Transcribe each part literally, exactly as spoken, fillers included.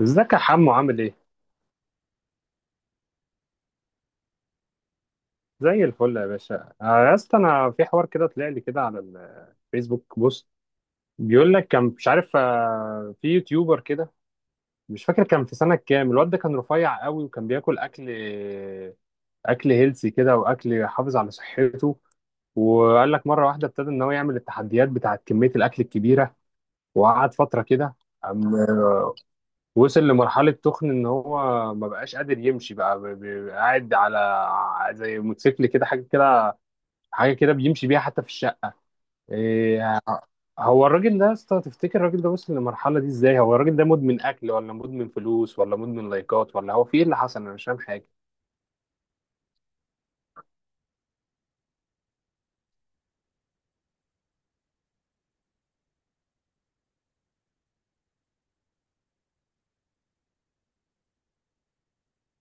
ازيك يا حمو عامل ايه؟ زي الفل يا باشا. آه، يا اسطى انا في حوار كده طلع لي كده على الفيسبوك بوست. بيقول لك كان مش عارف، آه، في يوتيوبر كده، مش فاكر كان في سنة كام، الواد ده كان رفيع قوي وكان بياكل اكل، اكل هيلسي كده، واكل يحافظ على صحته. وقال لك مرة واحدة ابتدى ان هو يعمل التحديات بتاعت كمية الاكل الكبيرة، وقعد فترة كده. قام آه، وصل لمرحلة تخن، إن هو ما بقاش قادر يمشي بقى، ب- ب- قاعد على زي موتوسيكل كده، حاجة كده حاجه كده بيمشي بيها حتى في الشقه. إيه، هو الراجل ده يا اسطى تفتكر الراجل ده وصل للمرحله دي ازاي؟ هو الراجل ده مدمن اكل ولا مدمن فلوس ولا مدمن لايكات، ولا هو في ايه اللي حصل؟ انا مش فاهم حاجه.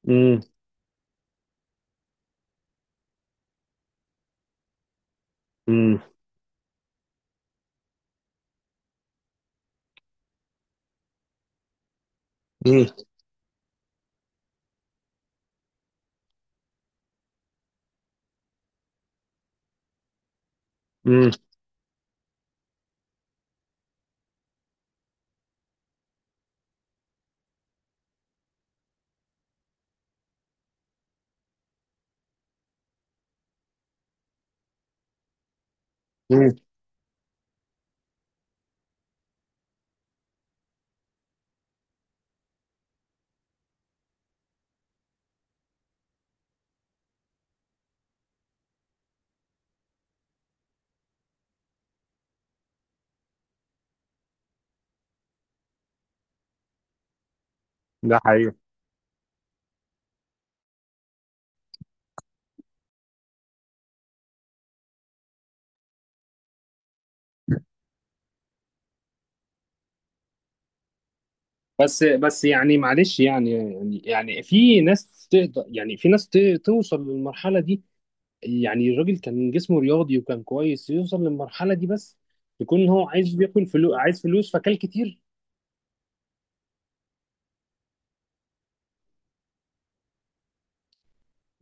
امم امم امم امم امم ده حقيقي. بس بس يعني معلش، يعني يعني يعني في ناس تقدر، يعني في ناس ت- توصل للمرحله دي. يعني الراجل كان جسمه رياضي وكان كويس، يوصل للمرحله دي؟ بس يكون هو عايز، بياكل فلوس، عايز فلوس فكل كتير.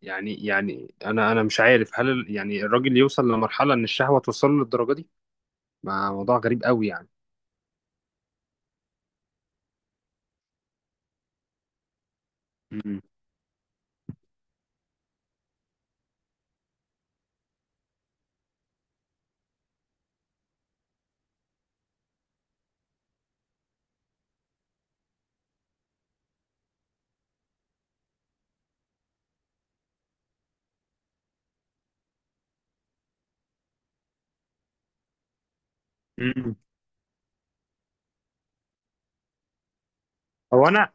يعني يعني انا انا مش عارف، هل ال- يعني الراجل يوصل لمرحله ان الشهوه توصل له للدرجه دي؟ ما موضوع غريب قوي يعني. امم امم هو انا،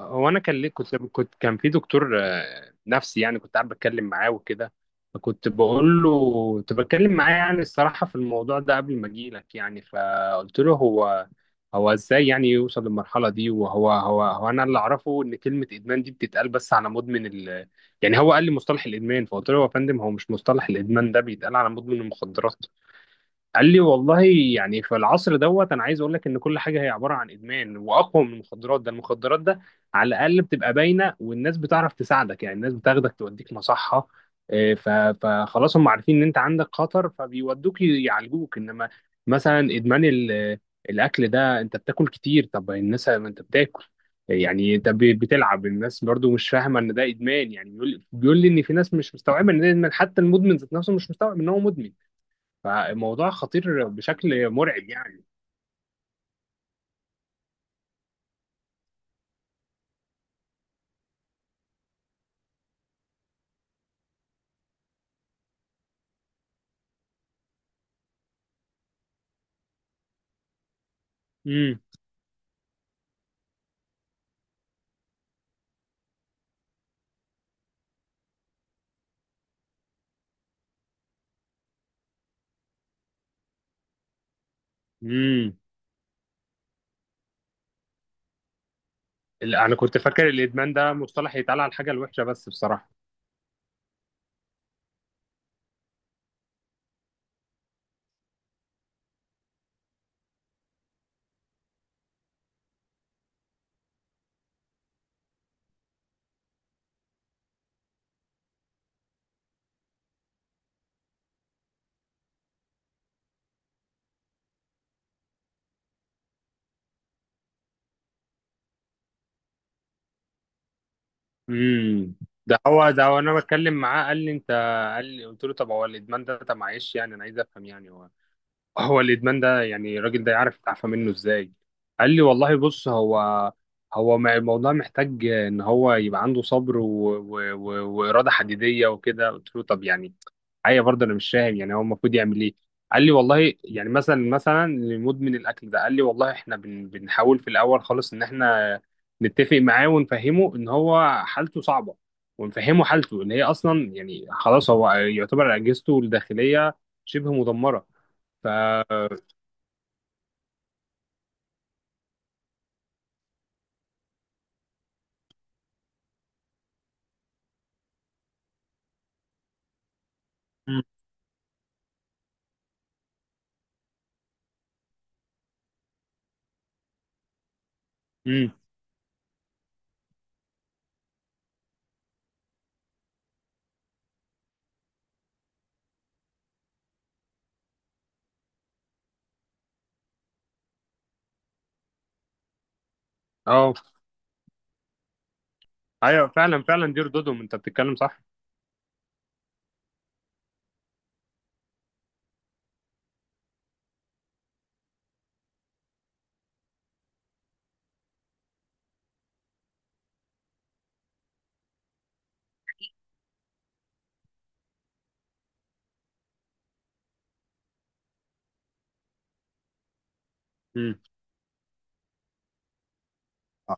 هو انا كان ليه، كنت كنت كان في دكتور آه، نفسي يعني، كنت قاعد بتكلم معاه وكده، فكنت بقول له، كنت بتكلم معاه يعني، الصراحه في الموضوع ده قبل ما اجي لك يعني. فقلت له هو، هو ازاي يعني يوصل للمرحله دي، وهو، هو هو انا اللي اعرفه ان كلمه ادمان دي بتتقال بس على مدمن ال يعني. هو قال لي مصطلح الادمان، فقلت له يا فندم، هو مش مصطلح الادمان ده بيتقال على مدمن المخدرات؟ قال لي والله يعني، في العصر دوت، انا عايز اقول لك ان كل حاجه هي عباره عن ادمان، واقوى من المخدرات. ده المخدرات ده على الاقل بتبقى باينه، والناس بتعرف تساعدك يعني، الناس بتاخدك توديك مصحه. إيه، ف- فخلاص هم عارفين ان انت عندك خطر، فبيودوك يعالجوك. انما مثلا ادمان ال- الاكل ده، انت بتاكل كتير، طب الناس، ما انت بتاكل يعني، انت ب- بتلعب، الناس برضو مش فاهمه ان ده ادمان يعني. بيقول بيقول لي ان في ناس مش مستوعبه ان ده ادمان، حتى المدمن ذات نفسه مش مستوعب ان هو مدمن. فالموضوع خطير بشكل مرعب يعني. امم امم انا كنت فاكر الادمان ده مصطلح يتقال على الحاجه الوحشه بس، بصراحه. امم ده هو ده. وانا بتكلم معاه قال لي، انت قال لي قلت له طب هو الادمان ده، طب معلش يعني انا عايز افهم يعني، هو، هو الادمان ده يعني الراجل ده يعرف يتعافى منه ازاي؟ قال لي والله بص، هو، هو مع- الموضوع محتاج ان هو يبقى عنده صبر و... و... و... واراده حديديه وكده. قلت له طب يعني، حقيقة برضه انا مش فاهم يعني، هو المفروض يعمل ايه؟ قال لي والله يعني، مثلا، مثلا لمدمن الاكل ده، قال لي والله احنا، بن بنحاول في الاول خالص ان احنا نتفق معاه، ونفهمه ان هو حالته صعبة، ونفهمه حالته ان هي اصلا، يعني خلاص، هو يعتبر اجهزته الداخلية شبه مدمرة. ف مم. مم. اه، ايوه فعلا فعلا، دير دودوم، انت بتتكلم صح. مم. آه.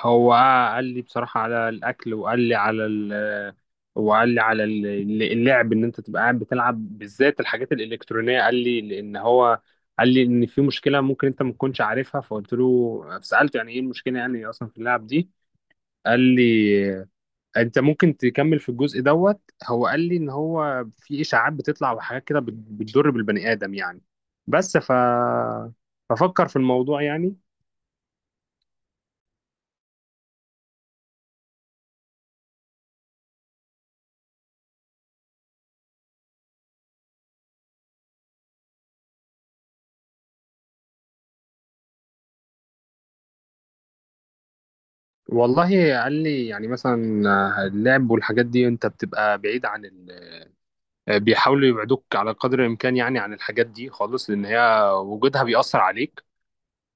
هو قال لي بصراحة على الأكل، وقال لي على ال- وقال لي على ال- ال- اللعب، ان انت تبقى قاعد بتلعب، بالذات الحاجات الالكترونيه. قال لي لان هو، قال لي ان في مشكله ممكن انت ما تكونش عارفها، فقلت له، سالته يعني ايه المشكله يعني اصلا في اللعب دي؟ قال لي انت ممكن تكمل في الجزء دوت. هو قال لي ان هو في اشاعات بتطلع، وحاجات كده بت- بتضر بالبني ادم يعني. بس، ف ففكر في الموضوع يعني. والله قال لي يعني مثلا، اللعب والحاجات دي انت بتبقى بعيد عن، بيحاولوا يبعدوك على قدر الإمكان يعني، عن الحاجات دي خالص، لأن هي وجودها بيأثر عليك.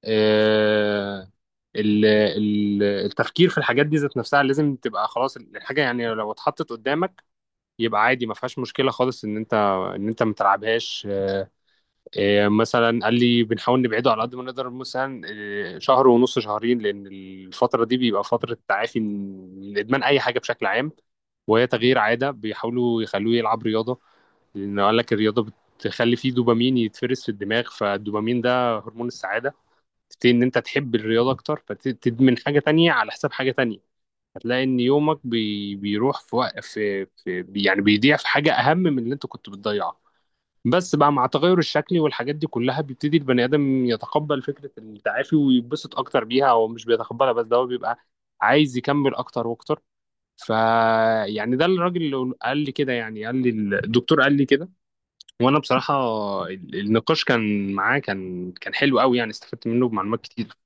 آه، ال- ال- التفكير في الحاجات دي ذات نفسها لازم تبقى خلاص، الحاجة يعني لو اتحطت قدامك، يبقى عادي، ما فيهاش مشكلة خالص إن أنت، إن أنت ما تلعبهاش. آه، مثلا قال لي بنحاول نبعده على قد ما نقدر، مثلا آه، شهر ونص، شهرين، لأن الفترة دي بيبقى فترة تعافي من إدمان أي حاجة بشكل عام. وهي تغيير عادة، بيحاولوا يخلوه يلعب رياضة، لأن قال لك الرياضة بتخلي فيه دوبامين يتفرز في الدماغ، فالدوبامين ده هرمون السعادة. تبتدي إن أنت تحب الرياضة أكتر، فتدمن حاجة تانية على حساب حاجة تانية. هتلاقي إن يومك بي... بيروح في, وق... في... في يعني، بيضيع في حاجة أهم من اللي أنت كنت بتضيعها. بس بقى، مع التغير الشكلي والحاجات دي كلها، بيبتدي البني ادم يتقبل فكره التعافي ويتبسط اكتر بيها. هو مش بيتقبلها بس، ده هو بيبقى عايز يكمل اكتر واكتر. ف يعني ده الراجل اللي قال لي كده، يعني، قال لي الدكتور قال لي كده، وانا بصراحه ال- النقاش كان معاه، كان، كان حلو قوي يعني، استفدت منه بمعلومات كتير.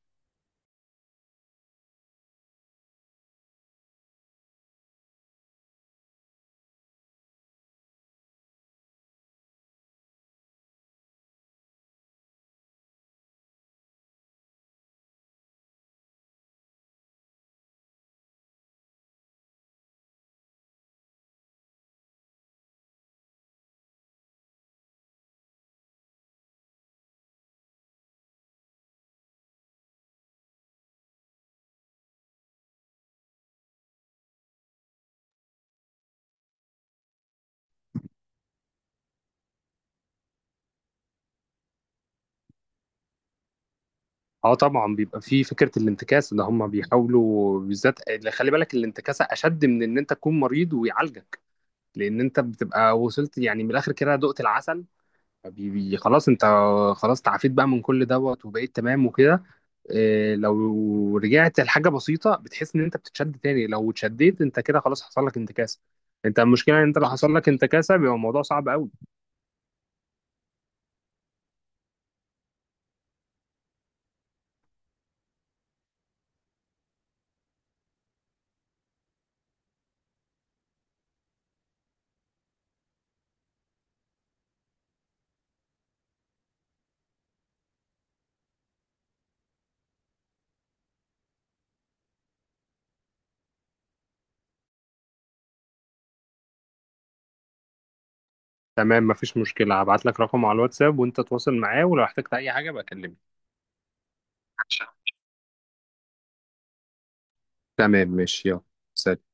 اه طبعا، بيبقى في فكره الانتكاسه، اللي هم بيحاولوا بالذات، خلي بالك، الانتكاسه اشد من ان انت تكون مريض ويعالجك، لان انت بتبقى وصلت يعني من الاخر كده، دقت العسل. فبي- بي- خلاص انت، خلاص تعافيت بقى من كل دوت، وبقيت تمام وكده. إيه، لو رجعت لحاجه بسيطه، بتحس ان انت بتتشد تاني، لو اتشديت انت كده خلاص حصل لك انتكاسه. انت المشكله ان انت لو حصل لك انتكاسه بيبقى الموضوع صعب قوي. تمام، مفيش مشكلة، هبعت لك رقمه على الواتساب وانت تواصل معاه، ولو احتجت اي حاجة بكلمني. تمام ماشي، يلا، سلام.